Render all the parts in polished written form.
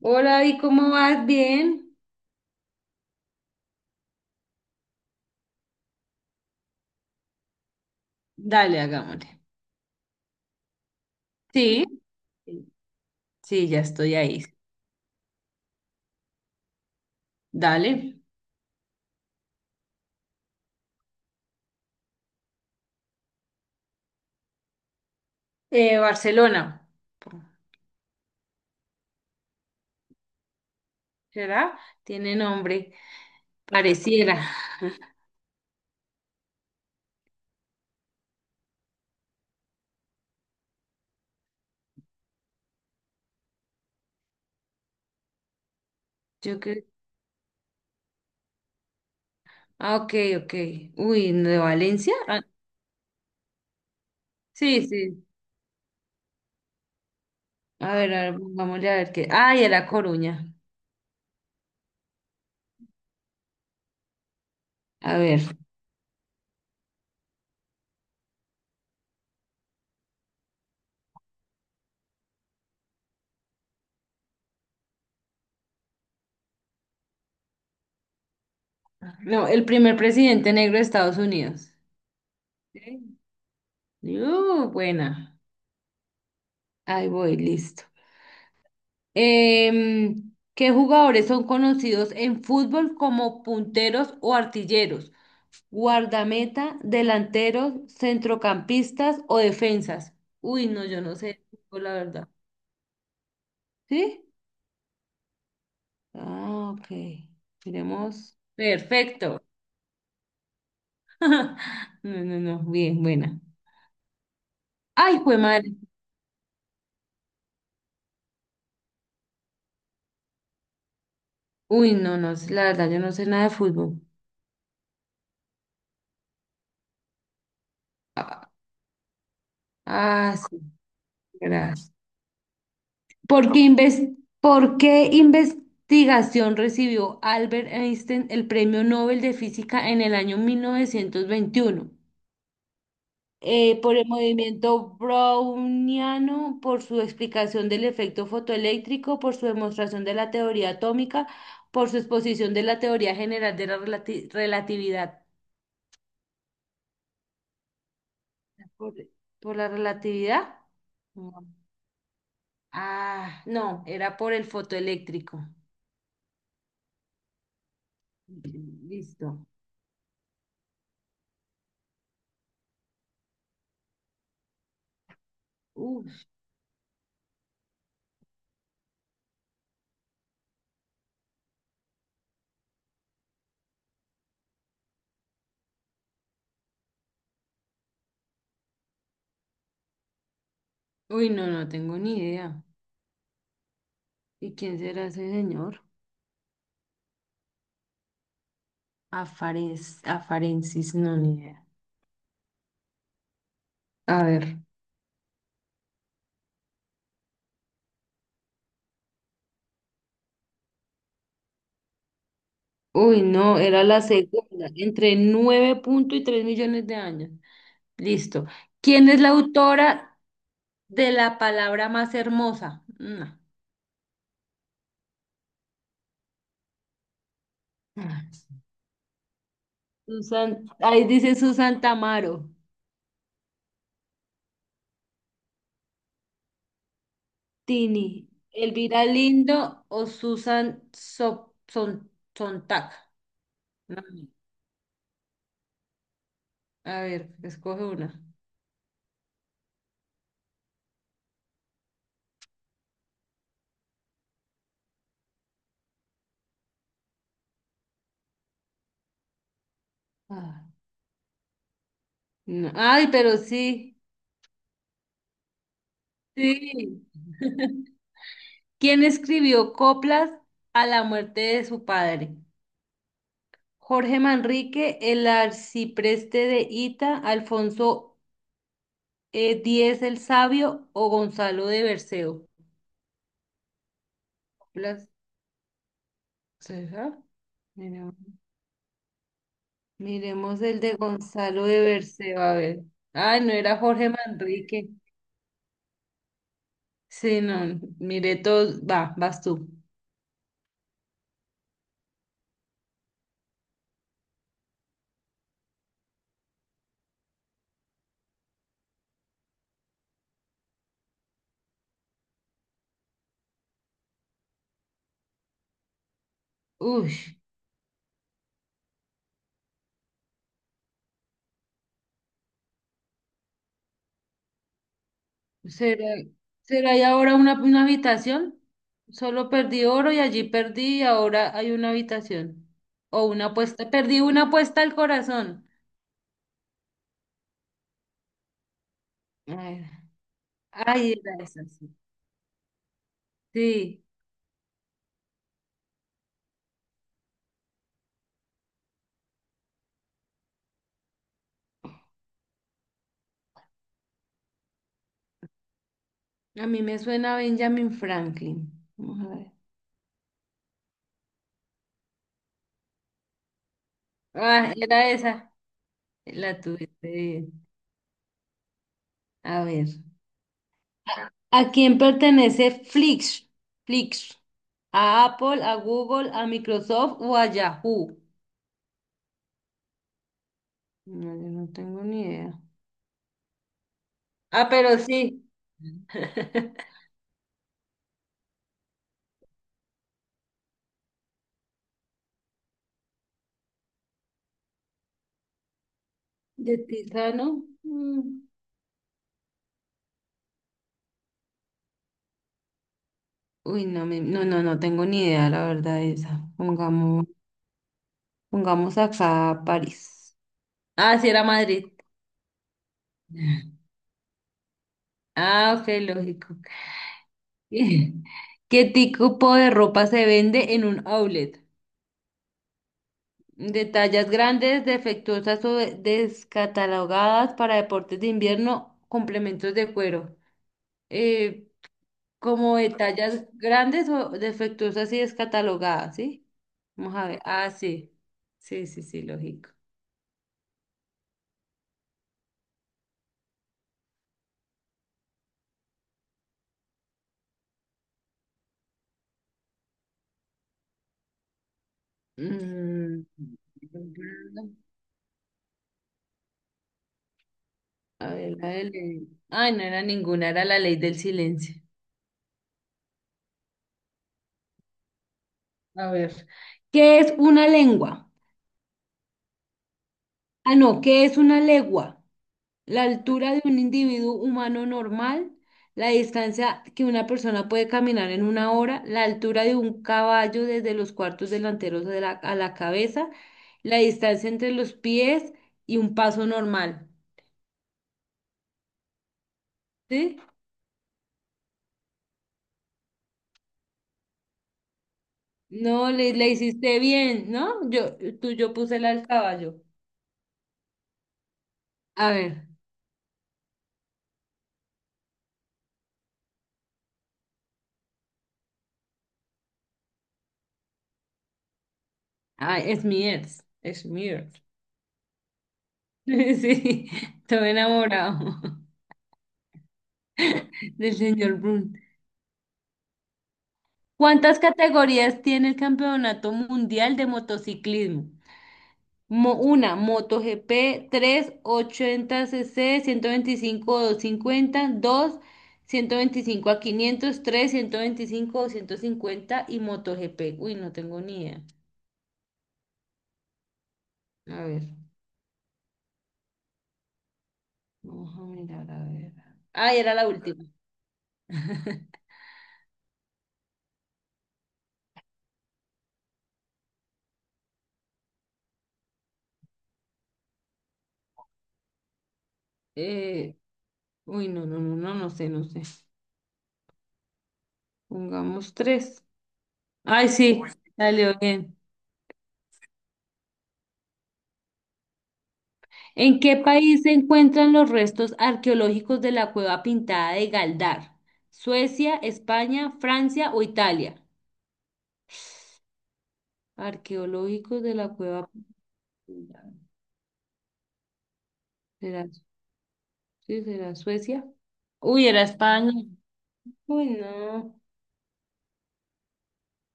Hola, ¿y cómo vas? ¿Bien? Dale, hagámosle. Sí, sí, ya estoy ahí. Dale. Barcelona, ¿será? Tiene nombre, pareciera. Yo creo. Ah, ok, ok. Uy, ¿de Valencia? Ah, sí, sí. A ver, pongámosle a ver qué. Ah, y a La Coruña. A ver. No, el primer presidente negro de Estados Unidos. Sí. Buena. Ahí voy, listo. ¿Qué jugadores son conocidos en fútbol como punteros o artilleros? Guardameta, delanteros, centrocampistas o defensas. Uy, no, yo no sé de fútbol, la verdad. ¿Sí? Ah, ok. Miremos. Perfecto. No, no, no. Bien, buena. Ay, fue madre. Uy, no, no, la verdad, yo no sé nada de fútbol. Ah, ah, sí. Gracias. ¿ Por qué investigación recibió Albert Einstein el Premio Nobel de Física en el año 1921? Por el movimiento browniano, por su explicación del efecto fotoeléctrico, por su demostración de la teoría atómica, por su exposición de la teoría general de la relatividad. ¿Por, por la relatividad? No. Ah, no, era por el fotoeléctrico. Listo. Uf. Uy, no, no tengo ni idea. ¿Y quién será ese señor? Afares, Afarensis, no, ni idea. A ver. Uy, no, era la segunda, entre nueve punto y 3 millones de años. Listo. ¿Quién es la autora de la palabra más hermosa? No. Ah, Susan, ahí dice Susan Tamaro, Tini, Elvira Lindo o Susan So- Son- Sontag. No, a ver, escoge una. Ah. No, ay, pero sí, sí. ¿Quién escribió coplas a la muerte de su padre? Jorge Manrique, el arcipreste de Ita, Alfonso X el Sabio o Gonzalo de Berceo. Coplas, ¿será? Mira, miremos el de Gonzalo de Berceo, a ver. Ay, no era Jorge Manrique. Sí, no, mire todos. Va, vas tú. Uy. ¿Será, será ahí ahora una habitación? Solo perdí oro y allí perdí y ahora hay una habitación. O una apuesta, perdí una apuesta al corazón. Ay, ay, era esa, sí. Sí, a mí me suena a Benjamin Franklin. Vamos a ver. Ah, era esa. La tuviste bien. A ver. ¿A quién pertenece Flix? Flix. ¿A Apple, a Google, a Microsoft o a Yahoo? No, yo no tengo ni idea. Ah, pero sí. De Tizano. Mm. Uy, no, no, no, no tengo ni idea, la verdad, de esa. Pongamos, pongamos acá París. Ah, sí, era Madrid. Ah, ok, lógico. ¿Qué qué tipo de ropa se vende en un outlet? De tallas grandes, defectuosas o descatalogadas para deportes de invierno, complementos de cuero. Eh, como de tallas grandes o defectuosas y descatalogadas, ¿sí? Vamos a ver. Ah, sí. Sí, sí, sí, lógico. Mm, a ver, la de ley. Ay, no era ninguna, era la ley del silencio. A ver. ¿Qué es una lengua? Ah, no, ¿qué es una legua? La altura de un individuo humano normal, la distancia que una persona puede caminar en una hora, la altura de un caballo desde los cuartos delanteros de a la cabeza, la distancia entre los pies y un paso normal. ¿Sí? No, le hiciste bien, ¿no? Yo, tú, yo puse la al caballo. A ver, ay, es mi ex, es mi ex. Sí, estoy enamorado del señor Brun. ¿Cuántas categorías tiene el Campeonato Mundial de Motociclismo? Una, MotoGP, 380 cc 125 o 250, dos 125 a 500, 3, 125 o 150 y MotoGP. Uy, no tengo ni idea. A ver. Vamos a mirar, a ver. Ah, era la última. Eh, uy, no, no, no, no, no sé, no sé. Pongamos tres. Ay, sí, salió bien. ¿En qué país se encuentran los restos arqueológicos de la cueva pintada de Galdar? ¿Suecia, España, Francia o Italia? Arqueológicos de la cueva pintada. ¿Será, sí, será Suecia? Uy, era España. Uy, no.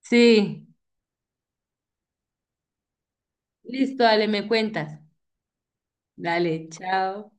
Sí. Listo, dale, me cuentas. Dale, chao.